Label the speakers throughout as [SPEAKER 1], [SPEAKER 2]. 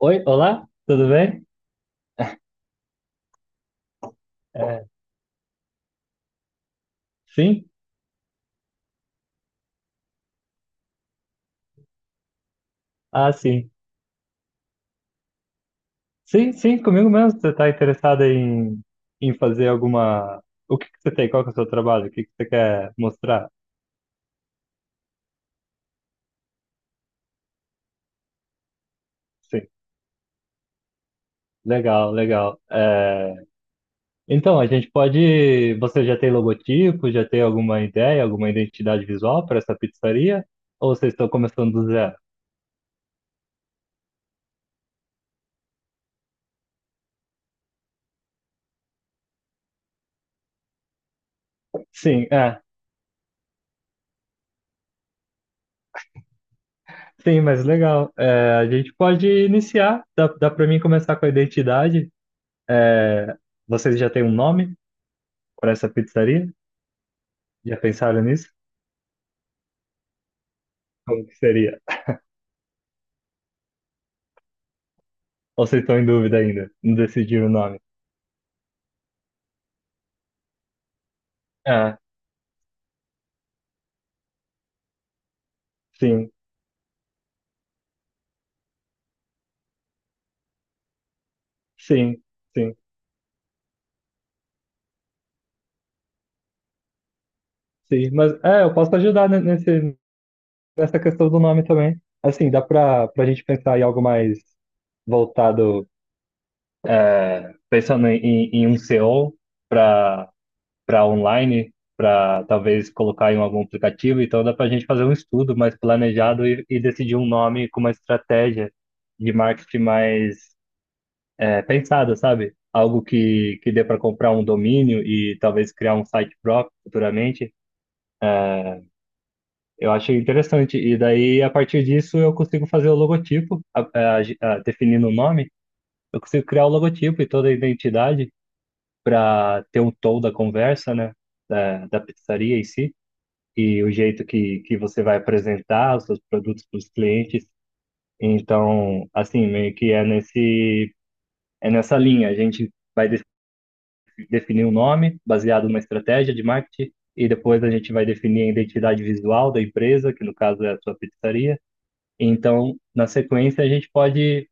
[SPEAKER 1] Oi, olá, tudo bem? É, sim? Ah, sim. Sim, sim, comigo mesmo. Você está interessado em, em fazer alguma. O que que você tem? Qual que é o seu trabalho? O que que você quer mostrar? Sim, legal, legal. Então, a gente pode. Você já tem logotipo? Já tem alguma ideia, alguma identidade visual para essa pizzaria? Ou vocês estão começando do zero? Sim, é. Sim, mas legal. É, a gente pode iniciar. Dá para mim começar com a identidade. É, Vocês já têm um nome para essa pizzaria? Já pensaram nisso? Como que seria? Ou vocês estão em dúvida ainda? Não decidiram o nome? Ah, sim, sim, sim, sim. Mas é, eu posso ajudar nesse, nessa questão do nome também. Assim, dá pra gente pensar em algo mais voltado, pensando em um SEO para para online, para talvez colocar em algum aplicativo. Então dá pra gente fazer um estudo mais planejado e decidir um nome com uma estratégia de marketing mais é pensada, sabe? Algo que dê para comprar um domínio e talvez criar um site próprio futuramente. Eu achei interessante. E daí, a partir disso, eu consigo fazer o logotipo, a, definindo o nome, eu consigo criar o logotipo e toda a identidade para ter um tom da conversa, né? Da pizzaria em si, e o jeito que você vai apresentar os seus produtos para os clientes. Então, assim, meio que é é nessa linha. A gente vai definir um nome baseado numa estratégia de marketing e depois a gente vai definir a identidade visual da empresa, que no caso é a sua pizzaria. Então, na sequência, a gente pode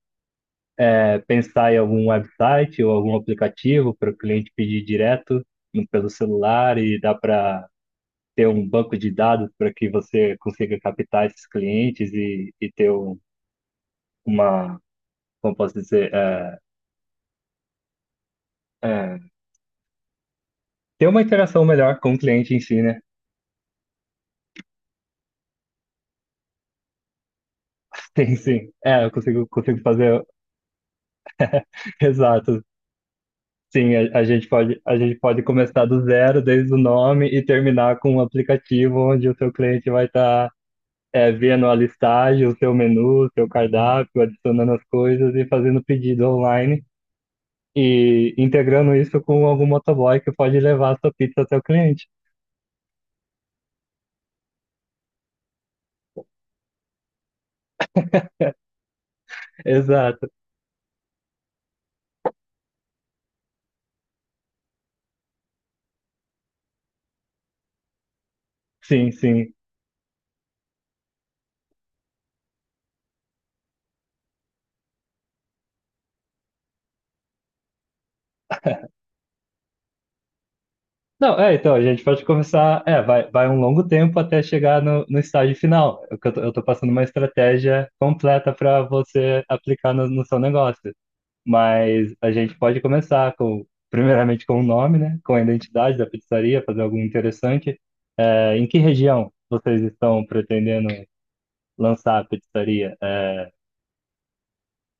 [SPEAKER 1] pensar em algum website ou algum aplicativo para o cliente pedir direto pelo celular e dá para ter um banco de dados para que você consiga captar esses clientes e ter uma, como posso dizer, é, ter uma interação melhor com o cliente em si, né? Sim, sim. É, eu consigo fazer. Exato. Sim, a gente pode começar do zero, desde o nome, e terminar com um aplicativo onde o seu cliente vai estar vendo a listagem, o seu menu, o seu cardápio, adicionando as coisas e fazendo pedido online e integrando isso com algum motoboy que pode levar a sua pizza até o cliente. Exato. Sim, sim. Não, é, então, a gente pode começar. É, vai um longo tempo até chegar no estágio final. Eu tô passando uma estratégia completa para você aplicar no seu negócio. Mas a gente pode começar com, primeiramente com o nome, né? Com a identidade da pizzaria, fazer algo interessante. É, em que região vocês estão pretendendo lançar a pizzaria? É,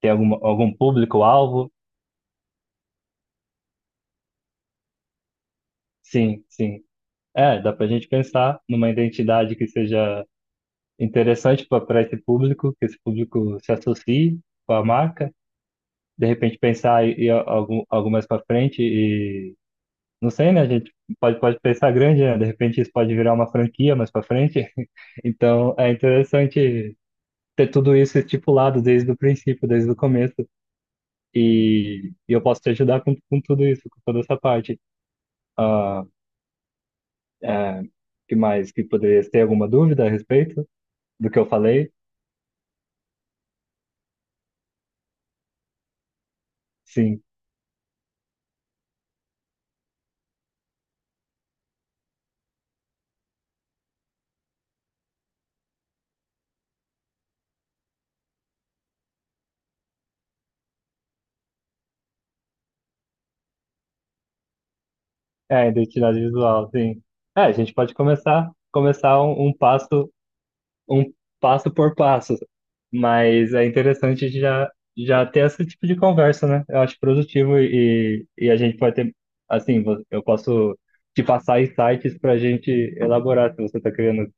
[SPEAKER 1] tem alguma, algum público-alvo? Sim, sim. É, dá pra gente pensar numa identidade que seja interessante para esse público, que esse público se associe com a marca. De repente pensar e algum, algo mais para frente e não sei, né? A gente pode pensar grande, né? De repente isso pode virar uma franquia mais para frente. Então, é interessante ter tudo isso estipulado desde o princípio, desde o começo. E eu posso te ajudar com tudo isso, com toda essa parte. Ah, é, que mais? Que poderia ter alguma dúvida a respeito do que eu falei? Sim. É, identidade visual, sim. É, a gente pode começar um passo um passo por passo. Mas é interessante já, já ter esse tipo de conversa, né? Eu acho produtivo e a gente pode ter, assim, eu posso te passar insights para a gente elaborar se você está querendo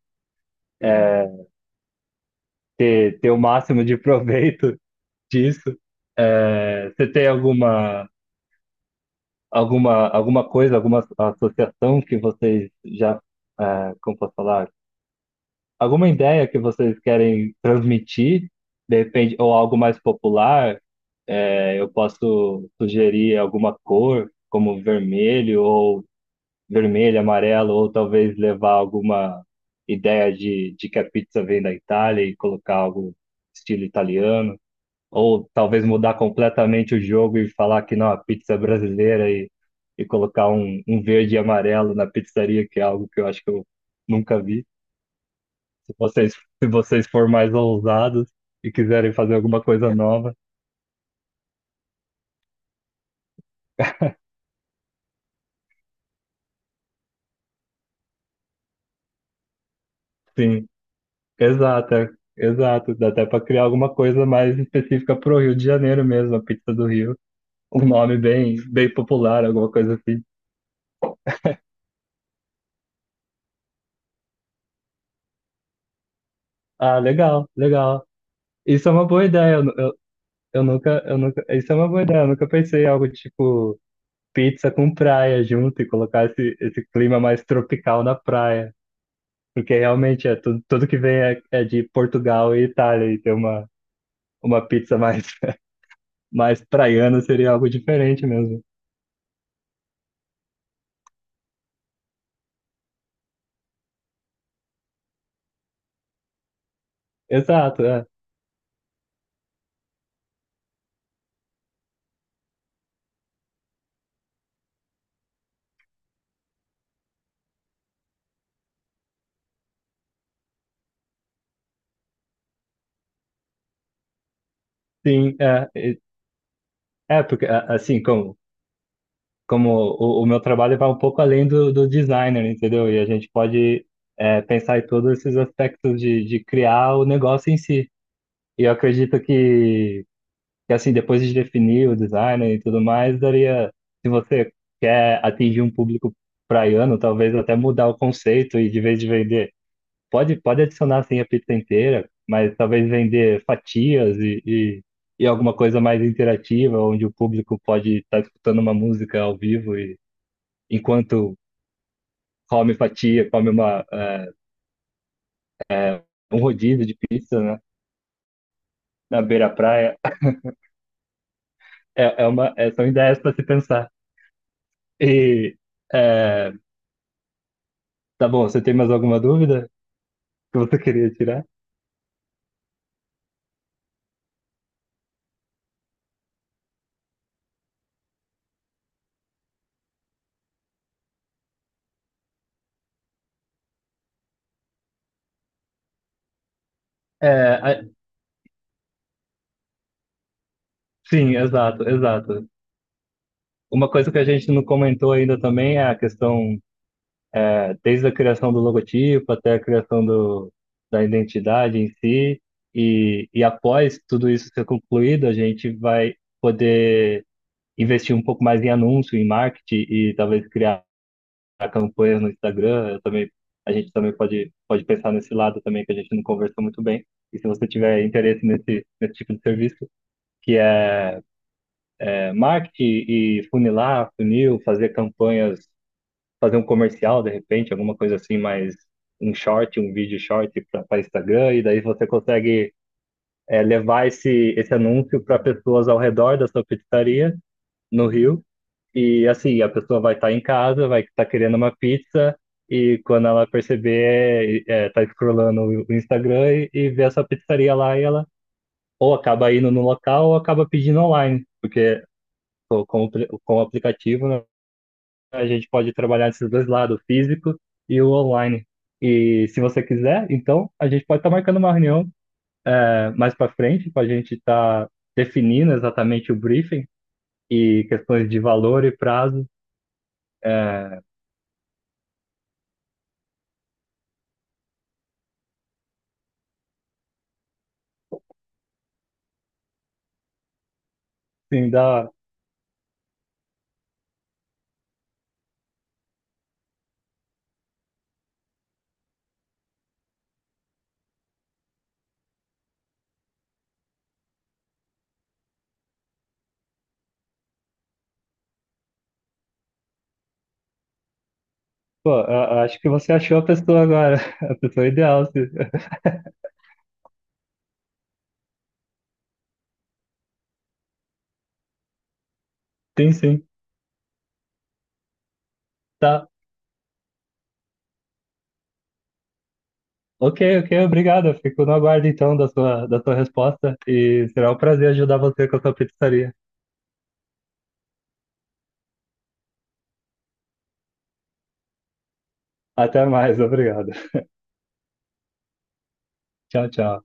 [SPEAKER 1] ter o máximo de proveito disso. É, você tem alguma, alguma coisa, alguma associação que vocês já, é, como posso falar, alguma ideia que vocês querem transmitir, de repente, ou algo mais popular? É, eu posso sugerir alguma cor, como vermelho, amarelo, ou talvez levar alguma ideia de que a pizza vem da Itália e colocar algo estilo italiano, ou talvez mudar completamente o jogo e falar que não, a pizza é brasileira e colocar um verde e amarelo na pizzaria, que é algo que eu acho que eu nunca vi. Se vocês, Se vocês for mais ousados e quiserem fazer alguma coisa nova, sim. Exato, é- Exato. Dá até para criar alguma coisa mais específica pro Rio de Janeiro mesmo, a pizza do Rio. Um nome bem, bem popular, alguma coisa assim. Ah, legal, legal. Isso é uma boa ideia. Eu nunca. Isso é uma boa ideia. Eu nunca pensei em algo tipo pizza com praia junto e colocar esse clima mais tropical na praia. Porque realmente é tudo que vem é de Portugal e Itália e ter uma pizza mais, mais praiana seria algo diferente mesmo. Exato, é. Sim, é. É, porque como o meu trabalho vai um pouco além do designer, entendeu? E a gente pode pensar em todos esses aspectos de criar o negócio em si. E eu acredito que, assim, depois de definir o designer e tudo mais, daria, se você quer atingir um público praiano, talvez até mudar o conceito e de vez de vender pode, pode adicionar assim a pizza inteira, mas talvez vender fatias e alguma coisa mais interativa, onde o público pode estar escutando uma música ao vivo e enquanto come uma, um rodízio de pizza, né, na beira-praia. É, é, são ideias para se pensar. E eh, tá bom, você tem mais alguma dúvida que você queria tirar? É, a- sim, exato, exato. Uma coisa que a gente não comentou ainda também é a questão desde a criação do logotipo até a criação da identidade em si. E após tudo isso ser concluído, a gente vai poder investir um pouco mais em anúncio, em marketing e talvez criar campanhas no Instagram. A gente também pode pensar nesse lado também, que a gente não conversou muito bem. E se você tiver interesse nesse tipo de serviço, que é marketing e funil, fazer campanhas, fazer um comercial de repente, alguma coisa assim, mais um short, um vídeo short para Instagram, e daí você consegue levar esse anúncio para pessoas ao redor da sua pizzaria no Rio. E assim, a pessoa vai estar em casa, vai estar querendo uma pizza, e quando ela perceber, tá scrollando o Instagram e vê essa pizzaria lá, e ela ou acaba indo no local ou acaba pedindo online, porque pô, com o aplicativo, né? A gente pode trabalhar esses dois lados, o físico e o online. E se você quiser, então a gente pode estar marcando uma reunião mais para frente para a gente estar definindo exatamente o briefing e questões de valor e prazo. Assim, dá... Pô, acho que você achou a pessoa agora, a pessoa ideal. Sim, sim. Tá. Ok, ok, obrigado. Eu fico no aguardo então da sua resposta e será um prazer ajudar você com a sua pizzaria. Até mais, obrigado. Tchau, tchau.